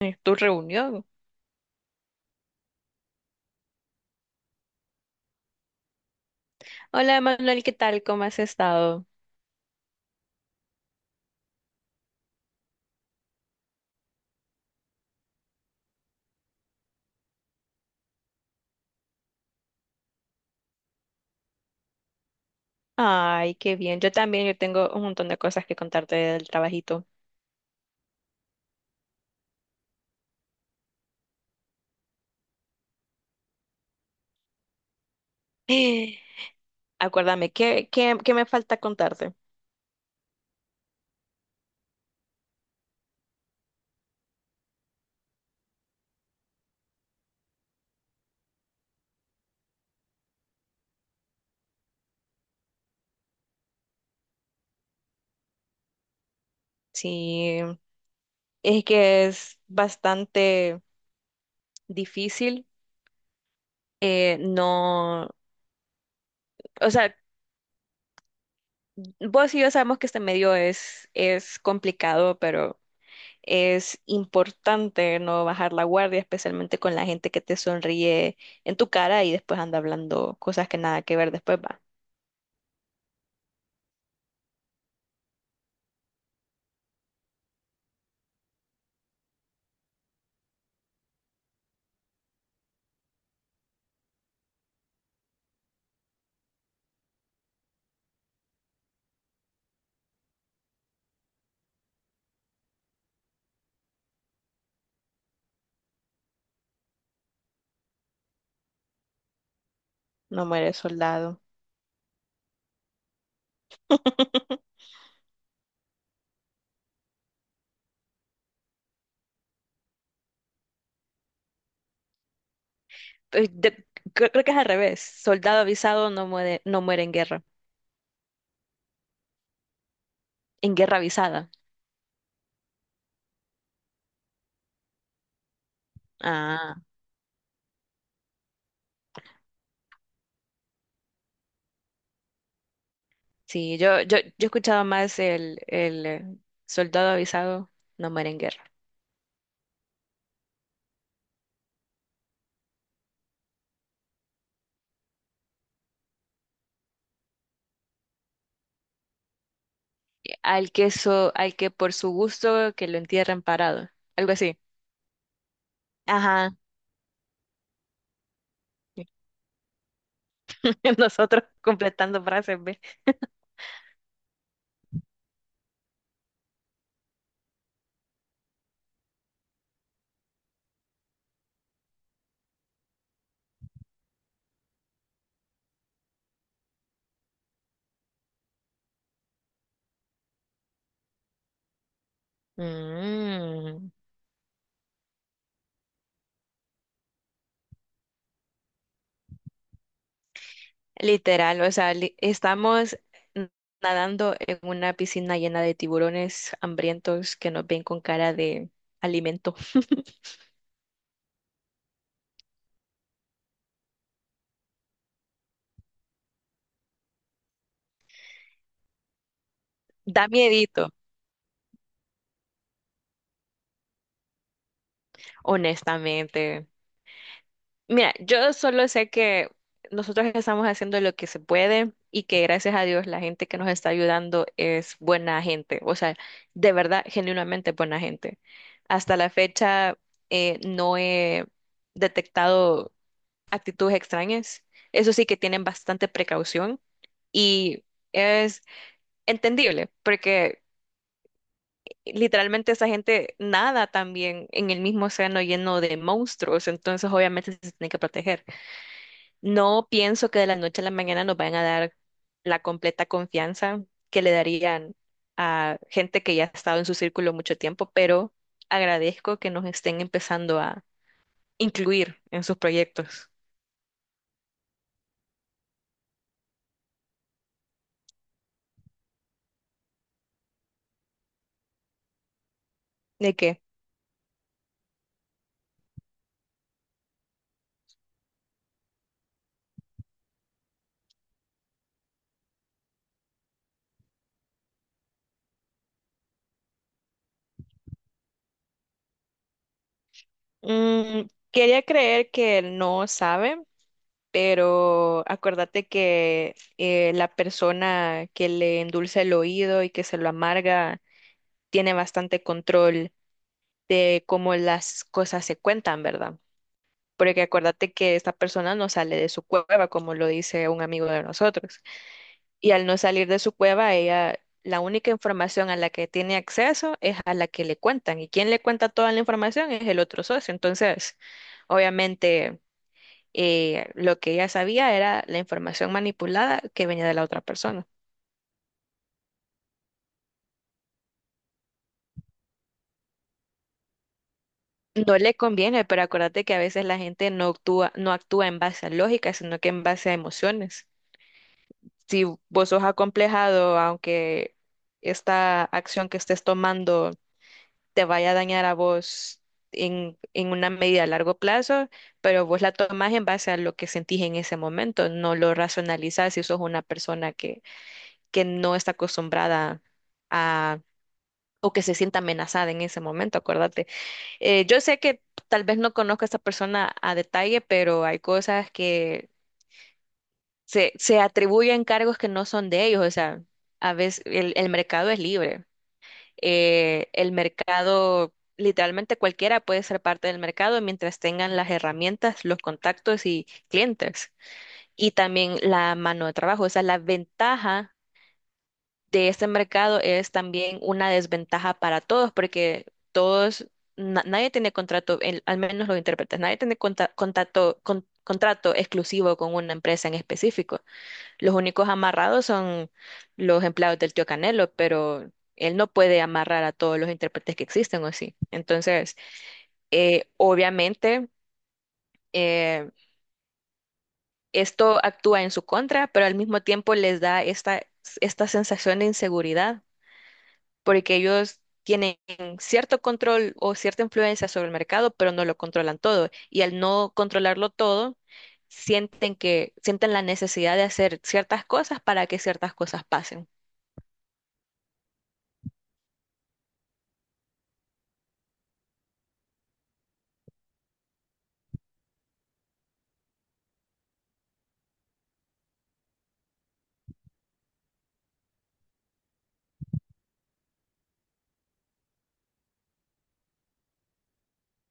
Tu reunión. Hola, Manuel, ¿qué tal? ¿Cómo has estado? Ay, qué bien. Yo también, yo tengo un montón de cosas que contarte del trabajito. Eh, Acuérdame, ¿qué me falta contarte? Sí, es que es bastante difícil. No, o sea, vos y yo sabemos que este medio es complicado, pero es importante no bajar la guardia, especialmente con la gente que te sonríe en tu cara y después anda hablando cosas que nada que ver después, va. No muere soldado. Eh, de- creo que es al revés. Soldado avisado no muere, no muere en guerra. En guerra avisada. Ah, sí, yo he escuchado más el soldado avisado no muere en guerra. Al que por su gusto que lo entierren parado. Algo así. Ajá. Nosotros completando frases, ¿ve? Mm, literal, o sea, li- estamos n- nadando en una piscina llena de tiburones hambrientos que nos ven con cara de alimento. Da miedito, honestamente. Mira, yo solo sé que nosotros estamos haciendo lo que se puede y que gracias a Dios la gente que nos está ayudando es buena gente, o sea, de verdad, genuinamente buena gente. Hasta la fecha no he detectado actitudes extrañas. Eso sí que tienen bastante precaución y es entendible porque literalmente esa gente nada también en el mismo océano lleno de monstruos, entonces obviamente se tienen que proteger. No pienso que de la noche a la mañana nos vayan a dar la completa confianza que le darían a gente que ya ha estado en su círculo mucho tiempo, pero agradezco que nos estén empezando a incluir en sus proyectos. ¿De qué? Mm, quería creer que no sabe, pero acuérdate que la persona que le endulza el oído y que se lo amarga tiene bastante control de cómo las cosas se cuentan, ¿verdad? Porque acuérdate que esta persona no sale de su cueva, como lo dice un amigo de nosotros. Y al no salir de su cueva, ella, la única información a la que tiene acceso es a la que le cuentan. Y quien le cuenta toda la información es el otro socio. Entonces, obviamente, lo que ella sabía era la información manipulada que venía de la otra persona. No le conviene, pero acuérdate que a veces la gente no actúa, no actúa en base a lógica, sino que en base a emociones. Si vos sos acomplejado, aunque esta acción que estés tomando te vaya a dañar a vos en una medida a largo plazo, pero vos la tomás en base a lo que sentís en ese momento, no lo racionalizás si sos una persona que no está acostumbrada o que se sienta amenazada en ese momento, acuérdate. Yo sé que tal vez no conozco a esta persona a detalle, pero hay cosas que se atribuyen cargos que no son de ellos, o sea, a veces el mercado es libre. El mercado, literalmente cualquiera puede ser parte del mercado mientras tengan las herramientas, los contactos y clientes. Y también la mano de trabajo, o sea, la ventaja de este mercado es también una desventaja para todos, porque todos, nadie tiene contrato, al menos los intérpretes, nadie tiene contrato exclusivo con una empresa en específico. Los únicos amarrados son los empleados del tío Canelo, pero él no puede amarrar a todos los intérpretes que existen, ¿o sí? Entonces, eh, obviamente, eh, esto actúa en su contra, pero al mismo tiempo les da esta sensación de inseguridad, porque ellos tienen cierto control o cierta influencia sobre el mercado, pero no lo controlan todo. Y al no controlarlo todo, sienten la necesidad de hacer ciertas cosas para que ciertas cosas pasen.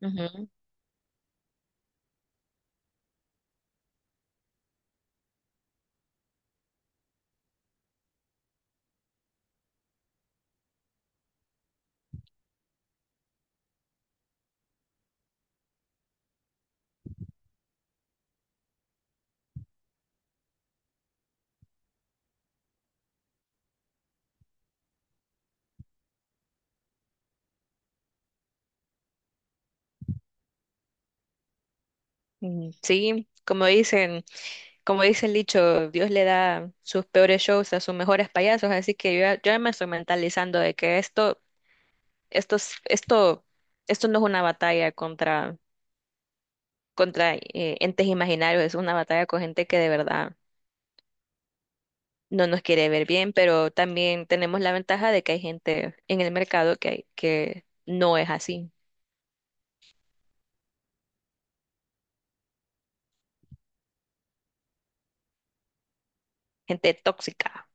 Ujú. Mm, sí, como dicen, como dice el dicho, Dios le da sus peores shows a sus mejores payasos, así que yo ya me estoy mentalizando de que esto, es- esto, esto no es una batalla contra entes imaginarios, es una batalla con gente que de verdad no nos quiere ver bien, pero también tenemos la ventaja de que hay gente en el mercado que no es así, gente tóxica,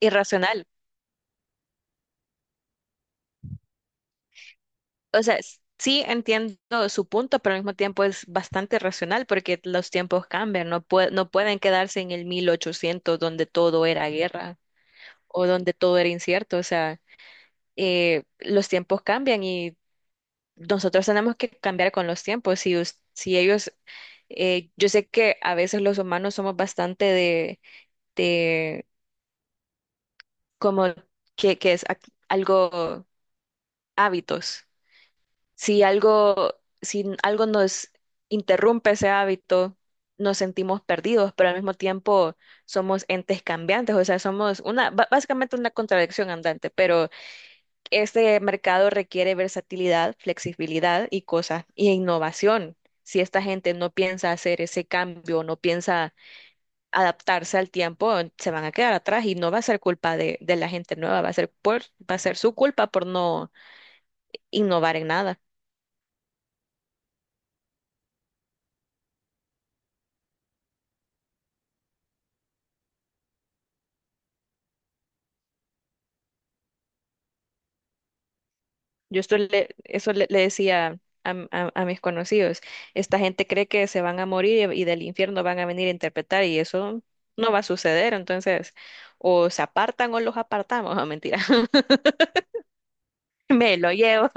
irracional. O sea, sí entiendo su punto, pero al mismo tiempo es bastante racional porque los tiempos cambian, no pueden quedarse en el 1800 donde todo era guerra o donde todo era incierto, o sea, los tiempos cambian y nosotros tenemos que cambiar con los tiempos. Si ellos, yo sé que a veces los humanos somos bastante de como que es algo hábitos. Si algo, si algo nos interrumpe ese hábito, nos sentimos perdidos, pero al mismo tiempo somos entes cambiantes, o sea, somos básicamente una contradicción andante, pero este mercado requiere versatilidad, flexibilidad y cosas, y innovación. Si esta gente no piensa hacer ese cambio, no piensa adaptarse al tiempo, se van a quedar atrás y no va a ser culpa de la gente nueva, va a ser su culpa por no innovar en nada. Yo esto le, eso le, le decía a mis conocidos, esta gente cree que se van a morir y del infierno van a venir a interpretar y eso no va a suceder, entonces o se apartan o los apartamos, no mentira, me lo llevo.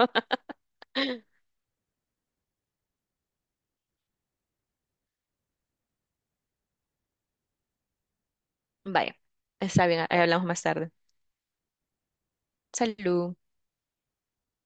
Vaya, está bien, ahí hablamos más tarde. Salud.